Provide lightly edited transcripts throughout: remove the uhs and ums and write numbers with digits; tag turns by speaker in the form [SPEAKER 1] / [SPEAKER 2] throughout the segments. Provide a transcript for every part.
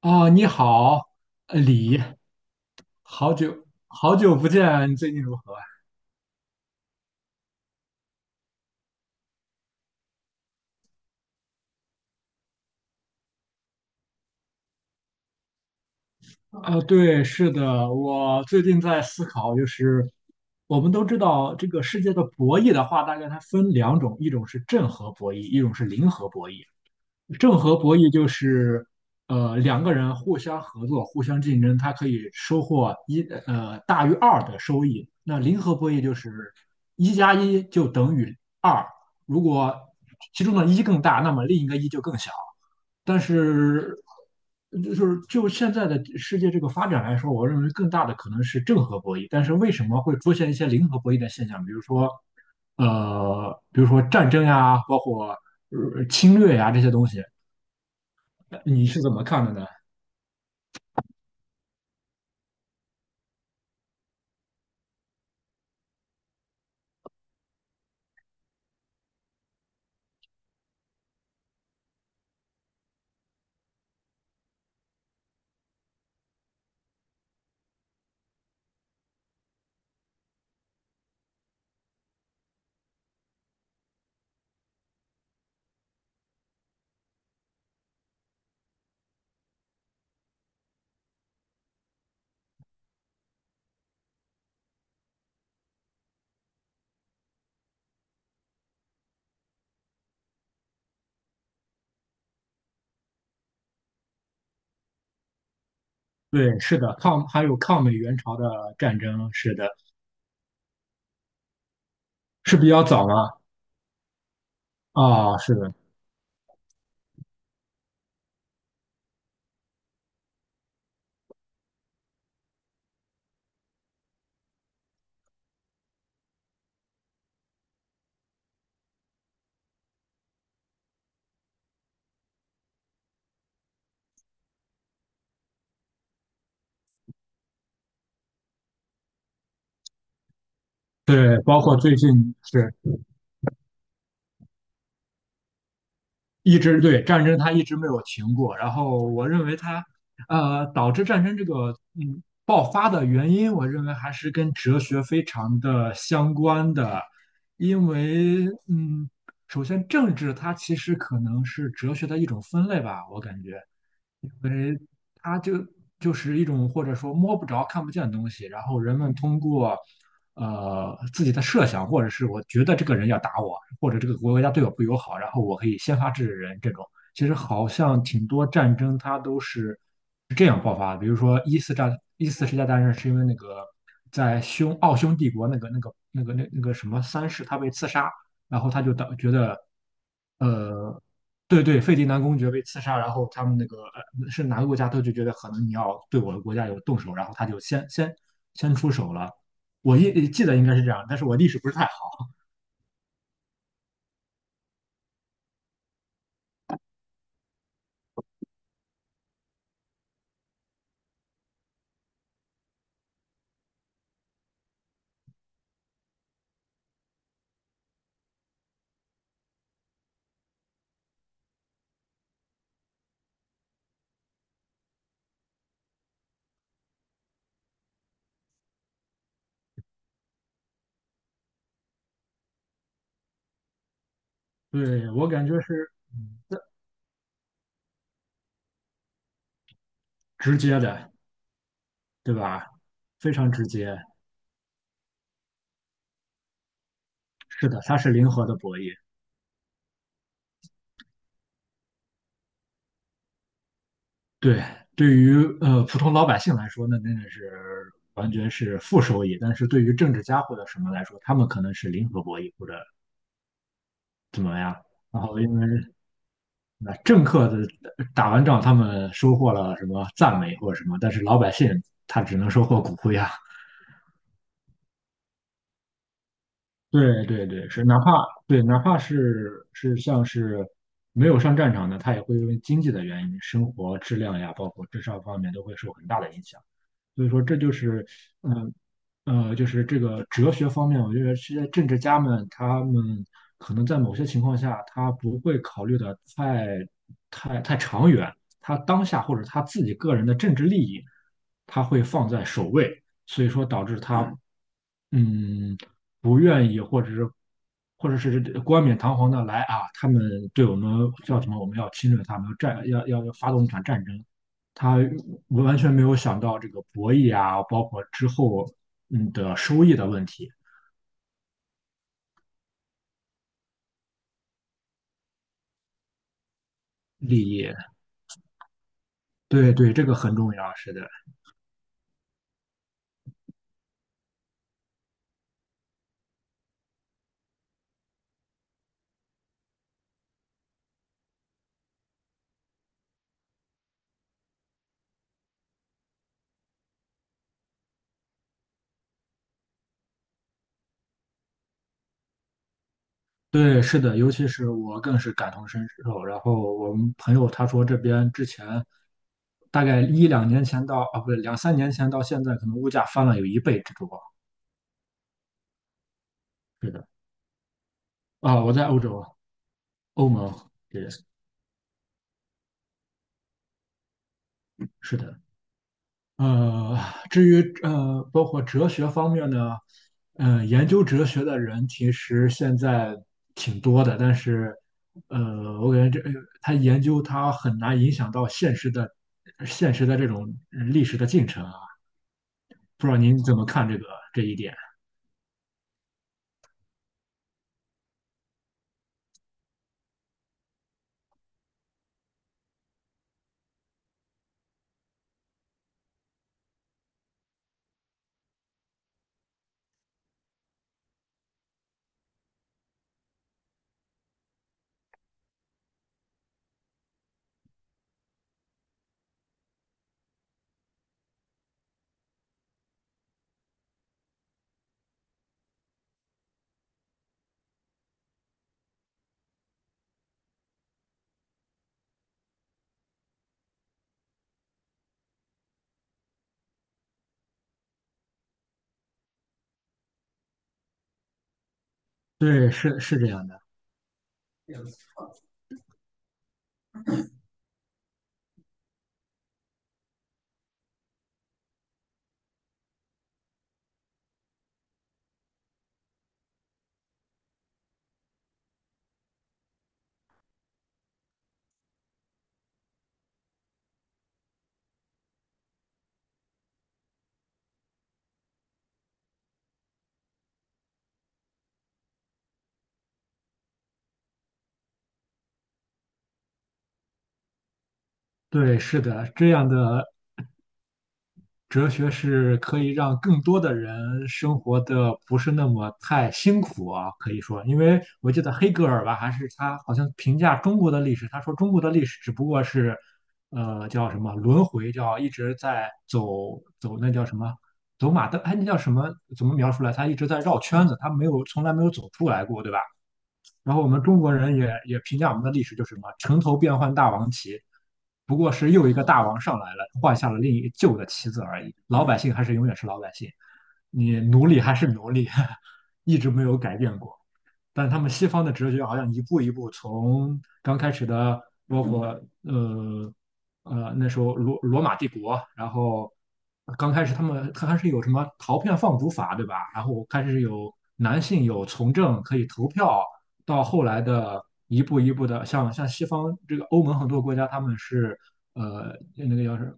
[SPEAKER 1] 啊，你好，李，好久好久不见，你最近如何啊？啊，对，是的，我最近在思考，就是我们都知道这个世界的博弈的话，大概它分两种，一种是正和博弈，一种是零和博弈。正和博弈就是，两个人互相合作、互相竞争，他可以收获大于二的收益。那零和博弈就是一加一就等于二，如果其中的一更大，那么另一个一就更小。但是就是现在的世界这个发展来说，我认为更大的可能是正和博弈。但是为什么会出现一些零和博弈的现象？比如说战争呀，包括侵略呀这些东西。你是怎么看的呢？对，是的，还有抗美援朝的战争，是的，是比较早了啊，是的，对，包括最近是一直，对，战争，它一直没有停过。然后我认为它，导致战争这个爆发的原因，我认为还是跟哲学非常的相关的，因为首先政治它其实可能是哲学的一种分类吧，我感觉。因为它就是一种或者说摸不着、看不见的东西，然后人们通过自己的设想，或者是我觉得这个人要打我，或者这个国家对我不友好，然后我可以先发制人这种。其实好像挺多战争它都是这样爆发的，比如说一四世界大战是因为那个在奥匈帝国那个什么三世他被刺杀，然后他就觉得。呃对对，费迪南公爵被刺杀，然后他们那个是哪个国家他就觉得可能你要对我的国家有动手，然后他就先出手了。我记得应该是这样，但是我历史不是太好。对，我感觉是直接的，对吧？非常直接。是的，它是零和的博弈。对，对于普通老百姓来说，那真的是完全是负收益。但是对于政治家或者什么来说，他们可能是零和博弈或者怎么样。然后因为那政客的打完仗，他们收获了什么赞美或者什么，但是老百姓他只能收获骨灰啊。对对对，是哪怕对哪怕是像是没有上战场的，他也会因为经济的原因、生活质量呀，包括智商方面都会受很大的影响。所以说，这就是嗯呃，就是这个哲学方面，我觉得这些政治家们他们可能在某些情况下，他不会考虑的太长远，他当下或者他自己个人的政治利益，他会放在首位，所以说导致他。嗯，不愿意，或者是冠冕堂皇的来啊，他们对我们叫什么？我们要侵略他们，要发动一场战争。他完全没有想到这个博弈啊，包括之后的收益的问题、利益。对对，这个很重要，是的，对，是的，尤其是我更是感同身受。然后我们朋友他说这边之前。大概一两年前到啊，不对，两三年前到现在，可能物价翻了有一倍之多。的。啊，我在欧洲啊欧盟 y 是的。呃，至于包括哲学方面呢，研究哲学的人其实现在挺多的，但是我感觉他研究他很难影响到现实的这种历史的进程啊。不知道您怎么看这一点？对，是是这样的。对，是的，这样的哲学是可以让更多的人生活的不是那么太辛苦啊，可以说，因为我记得黑格尔吧，还是他好像评价中国的历史，他说中国的历史只不过是，叫什么轮回，叫一直在走走那叫什么走马灯，哎，那叫什么？怎么描述来？他一直在绕圈子，他没有从来没有走出来过，对吧？然后我们中国人也评价我们的历史就是什么"城头变换大王旗"，不过是又一个大王上来了，换下了另一旧的旗子而已。老百姓还是永远是老百姓，你奴隶还是奴隶，一直没有改变过。但他们西方的哲学好像一步一步从刚开始的，包括呃那时候罗马帝国，然后刚开始他还是有什么陶片放逐法，对吧？然后开始有男性有从政可以投票，到后来的一步一步的，像西方这个欧盟很多国家他们是那个叫是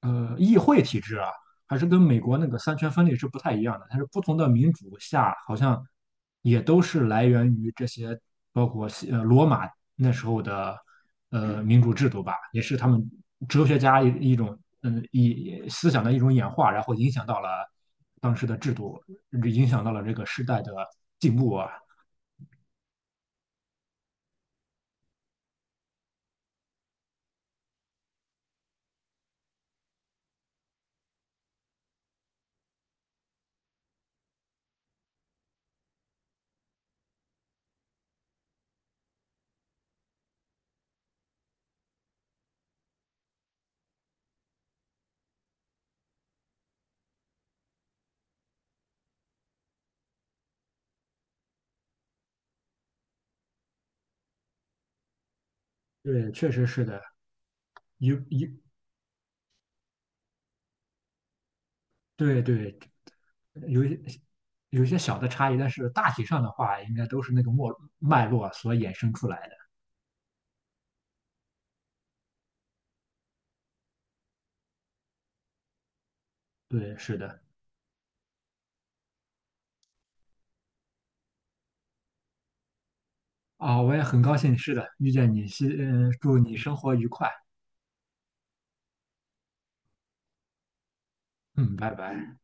[SPEAKER 1] 议会体制啊，还是跟美国那个三权分立是不太一样的。它是不同的民主下，好像也都是来源于这些，包括罗马那时候的民主制度吧，也是他们哲学家一种思想的一种演化，然后影响到了当时的制度，影响到了这个时代的进步啊。对，确实是的。有对对，有一有一些小的差异，但是大体上的话，应该都是那个络所衍生出来的。对，是的，啊，我也很高兴，是的，遇见你，祝你生活愉快，嗯，拜拜。